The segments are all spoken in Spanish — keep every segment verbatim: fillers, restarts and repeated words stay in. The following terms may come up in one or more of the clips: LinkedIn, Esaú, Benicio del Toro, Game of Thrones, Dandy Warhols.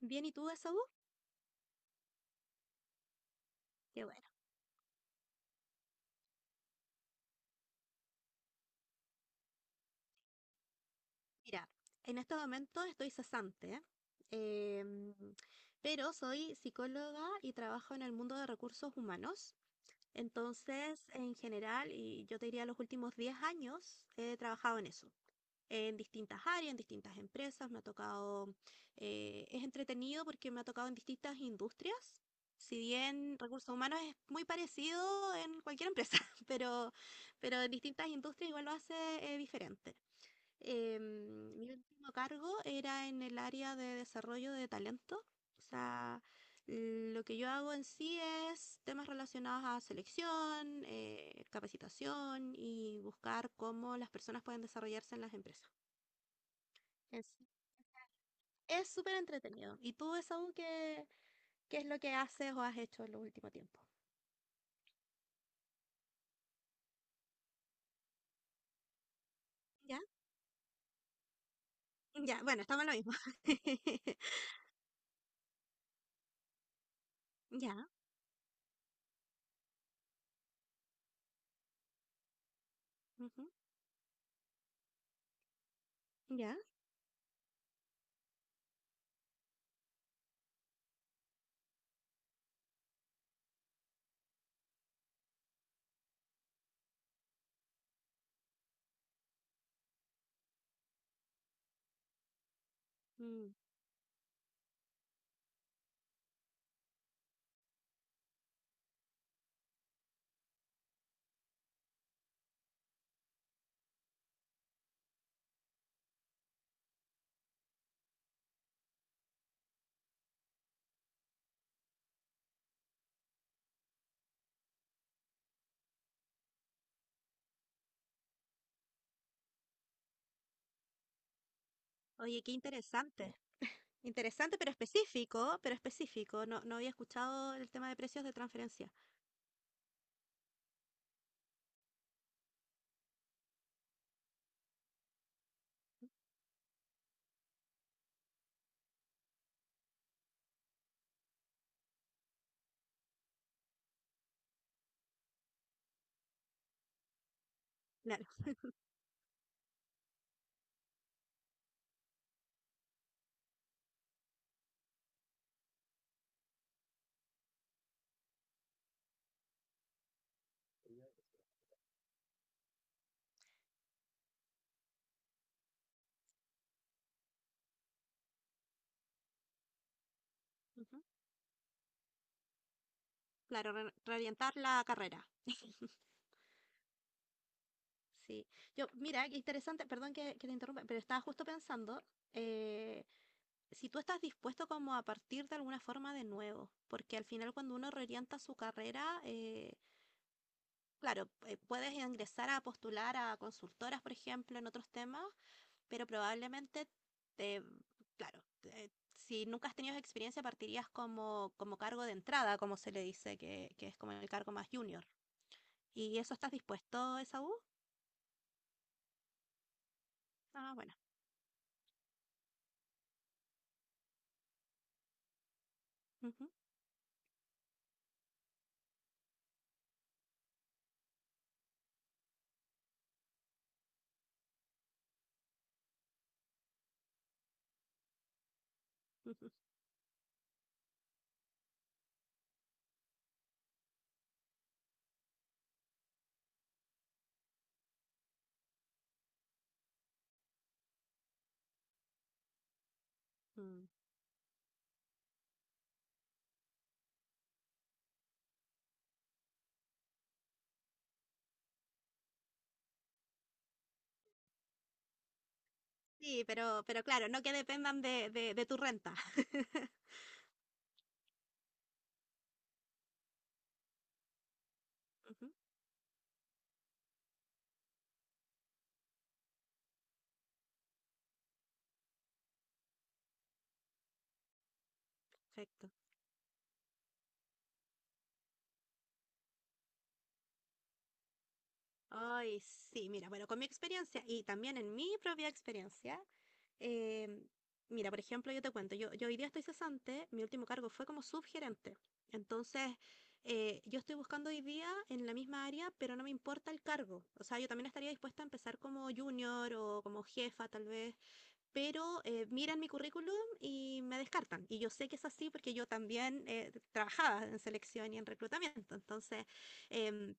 Bien, ¿y tú de salud? Qué bueno. Mira, en estos momentos estoy cesante, ¿eh? em, pero soy psicóloga y trabajo en el mundo de recursos humanos. Entonces, en general, y yo te diría los últimos diez años, he trabajado en eso, en distintas áreas, en distintas empresas. Me ha tocado, eh, es entretenido porque me ha tocado en distintas industrias. Si bien recursos humanos es muy parecido en cualquier empresa, pero, pero en distintas industrias igual lo hace eh, diferente. Em, mi último cargo era en el área de desarrollo de talento. O sea, lo que yo hago en sí es temas relacionados a selección, eh, capacitación y buscar cómo las personas pueden desarrollarse en las empresas. Es es súper entretenido. ¿Y tú, Esaú, qué, qué es lo que haces o has hecho en los últimos tiempos? Ya, ya, bueno, estamos en lo mismo. Ya, ujú, ya. Mm. Oye, qué interesante. Interesante, pero específico, pero específico. No, no había escuchado el tema de precios de transferencia. Claro. Ujú. Claro, re- reorientar la carrera. Sí. Yo, mira, qué interesante, perdón que, que te interrumpa, pero estaba justo pensando, eh, si tú estás dispuesto como a partir de alguna forma de nuevo, porque al final cuando uno reorienta su carrera, eh, Claro, eh, puedes ingresar a postular a consultoras, por ejemplo, en otros temas, pero probablemente te, claro, te- si nunca has tenido esa experiencia, partirías como, como cargo de entrada, como se le dice, que, que es como el cargo más junior. ¿Y eso estás dispuesto, Esaú? Ah, bueno. Ujú, ujú, ujú. Sí, pero, pero claro, no que dependan de, de, de tu renta. Ujú. Perfecto. Ay, sí, mira, bueno, con mi experiencia y también en mi propia experiencia, em, mira, por ejemplo, yo te cuento, yo, yo hoy día estoy cesante, mi último cargo fue como subgerente. Entonces, eh, yo estoy buscando hoy día en la misma área, pero no me importa el cargo. O sea, yo también estaría dispuesta a empezar como junior o como jefa, tal vez, pero eh, miran mi currículum y me descartan. Y yo sé que es así porque yo también eh, trabajaba en selección y en reclutamiento. Entonces, em,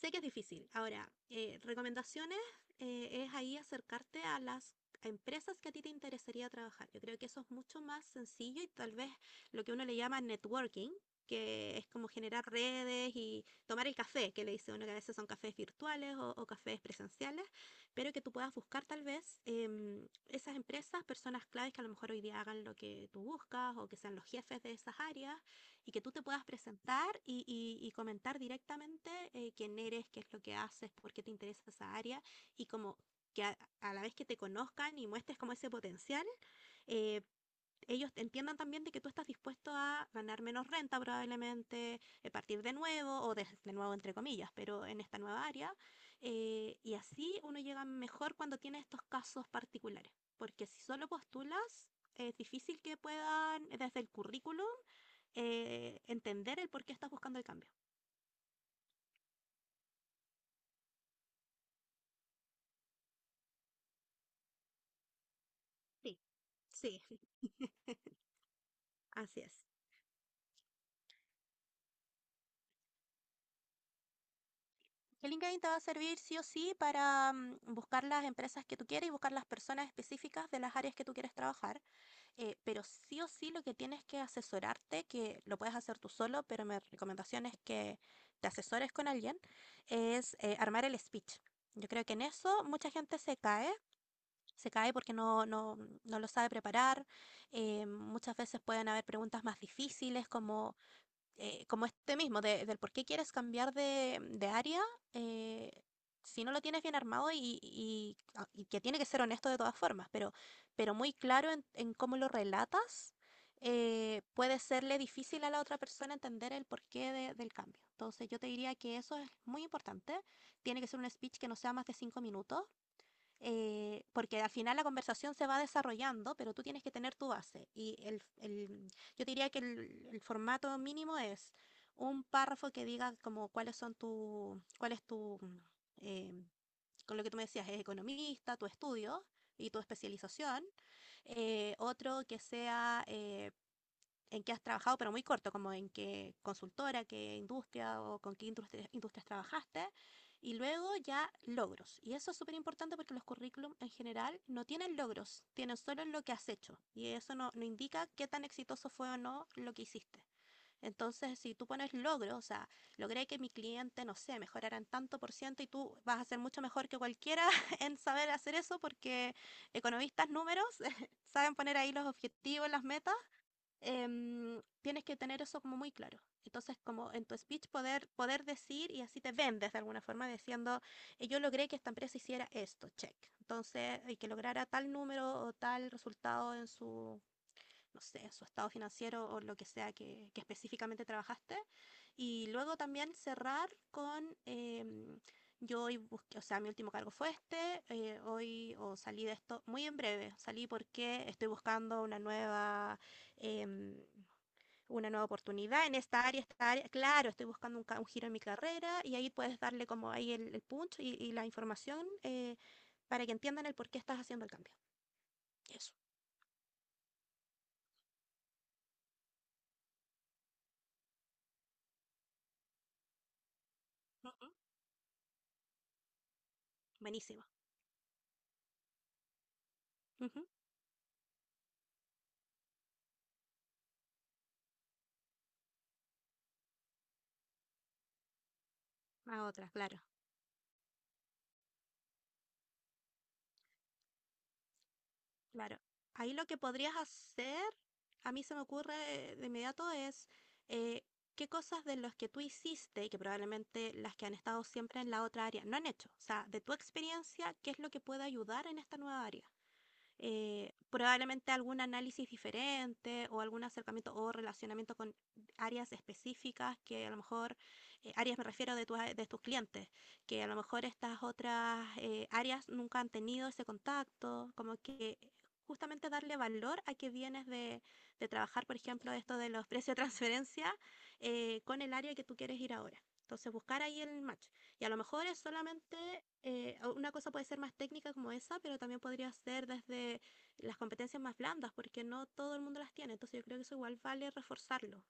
Sé que es difícil. Ahora, eh, recomendaciones eh, es ahí acercarte a las a empresas que a ti te interesaría trabajar. Yo creo que eso es mucho más sencillo y tal vez lo que uno le llama networking, que es como generar redes y tomar el café, que le dice uno que a veces son cafés virtuales o, o cafés presenciales, pero que tú puedas buscar tal vez em, esas empresas, personas claves que a lo mejor hoy día hagan lo que tú buscas o que sean los jefes de esas áreas y que tú te puedas presentar y, y- y comentar directamente eh, quién eres, qué es lo que haces, por qué te interesa esa área y como que a, a la vez que te conozcan y muestres como ese potencial, eh, ellos entiendan también de que tú estás dispuesto a ganar menos renta probablemente, eh, partir de nuevo o de, de nuevo entre comillas, pero en esta nueva área. eh, y así uno llega mejor cuando tiene estos casos particulares, porque si solo postulas, es difícil que puedan eh, desde el currículum eh, entender el por qué estás buscando el cambio. sí Sí. Así es. Que LinkedIn te va a servir sí o sí para mm, buscar las empresas que tú quieres y buscar las personas específicas de las áreas que tú quieres trabajar. Eh, pero sí o sí lo que tienes que asesorarte, que lo puedes hacer tú solo, pero mi recomendación es que te asesores con alguien, es eh, armar el speech. Yo creo que en eso mucha gente se cae, se cae porque no, no, no lo sabe preparar. eh, muchas veces pueden haber preguntas más difíciles como eh, como este mismo, de- del por qué quieres cambiar de, de área, eh, si no lo tienes bien armado y, y- a- y que tiene que ser honesto de todas formas, pero, pero muy claro en, en cómo lo relatas, eh, puede serle difícil a la otra persona entender el porqué de- del cambio. Entonces yo te diría que eso es muy importante. Tiene que ser un speech que no sea más de cinco minutos eh, porque al final la conversación se va desarrollando, pero tú tienes que tener tu base. Y el, el- yo diría que el, el formato mínimo es un párrafo que diga como cuáles son tu, cuál es tu, eh, con lo que tú me decías, es economista, tu estudio y tu especialización. Eh, otro que sea eh, en qué has trabajado, pero muy corto, como en qué consultora, qué industria o con qué industria- industrias trabajaste. Y luego ya logros. Y eso es súper importante porque los currículum en general no tienen logros, tienen solo lo que has hecho. Y eso no, no indica qué tan exitoso fue o no lo que hiciste. Entonces, si tú pones logros, o sea, logré que mi cliente, no sé, mejorara en tanto por ciento y tú vas a ser mucho mejor que cualquiera en saber hacer eso porque economistas números saben poner ahí los objetivos, las metas em, tienes que tener eso como muy claro. Entonces, como en tu speech poder, poder decir y así te vendes de alguna forma diciendo, eh, yo logré que esta empresa hiciera esto, check. Entonces, y que lograra tal número o tal resultado en su, no sé, su estado financiero o lo que sea que, que específicamente trabajaste. Y luego también cerrar con, em, yo hoy busqué, o sea, mi último cargo fue este, eh, hoy o salí de esto muy en breve, salí porque estoy buscando una nueva... em, una nueva oportunidad en esta área, esta área, claro, estoy buscando un, ca- un giro en mi carrera y ahí puedes darle como ahí el, el punch y, y la información eh, para que entiendan el por qué estás haciendo el cambio. Eso. Ujú. Buenísimo. Ujú. A otra, claro. Claro, ahí lo que podrías hacer, a mí se me ocurre de inmediato, es eh, qué cosas de los que tú hiciste y que probablemente las que han estado siempre en la otra área no han hecho. O sea, de tu experiencia, ¿qué es lo que puede ayudar en esta nueva área? eh, probablemente algún análisis diferente o algún acercamiento o relacionamiento con áreas específicas que a lo mejor, eh, áreas me refiero de, tu- de tus clientes, que a lo mejor estas otras eh, áreas nunca han tenido ese contacto, como que justamente darle valor a que vienes de, de trabajar, por ejemplo, esto de los precios de transferencia eh, con el área que tú quieres ir ahora. Entonces, buscar ahí el match. Y a lo mejor es solamente, eh, o- una cosa puede ser más técnica como esa, pero también podría ser desde las competencias más blandas, porque no todo el mundo las tiene. Entonces yo creo que eso igual vale reforzarlo.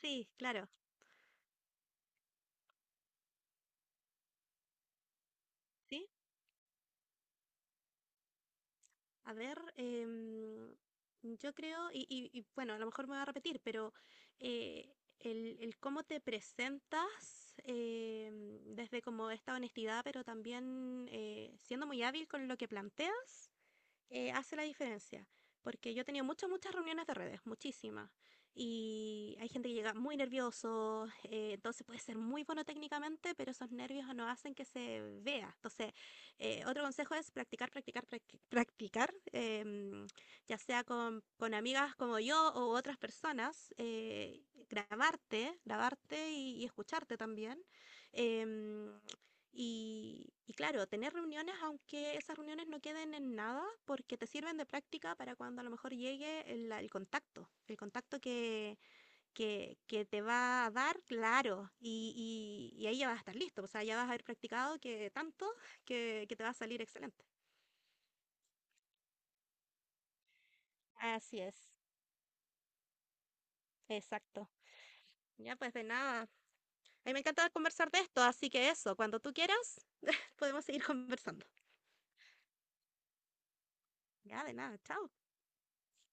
Sí, claro, sí. A ver, em, yo creo, y, y- y, bueno, a lo mejor me voy a repetir, pero eh, el, el cómo te presentas em, desde como esta honestidad, pero también eh, siendo muy hábil con lo que planteas eh, hace la diferencia. Porque yo he tenido muchas, muchas reuniones de redes, muchísimas. Y hay gente que llega muy nervioso, eh, entonces puede ser muy bueno técnicamente, pero esos nervios no hacen que se vea. Entonces, eh, otro consejo es practicar, practicar, practi- practicar, em, ya sea con, con amigas como yo o otras personas, eh, grabarte, grabarte y, y escucharte también. Em, y, y claro, tener reuniones, aunque esas reuniones no queden en nada, porque te sirven de práctica para cuando a lo mejor llegue el, la- el contacto, el contacto que, que, que te va a dar, claro, y, y- y ahí ya vas a estar listo, o sea, ya vas a haber practicado que tanto que, que te va a salir excelente. Así es, exacto. Ya, pues de nada. A mí me encanta conversar de esto, así que eso, cuando tú quieras, podemos seguir conversando. Ya, de nada, chao.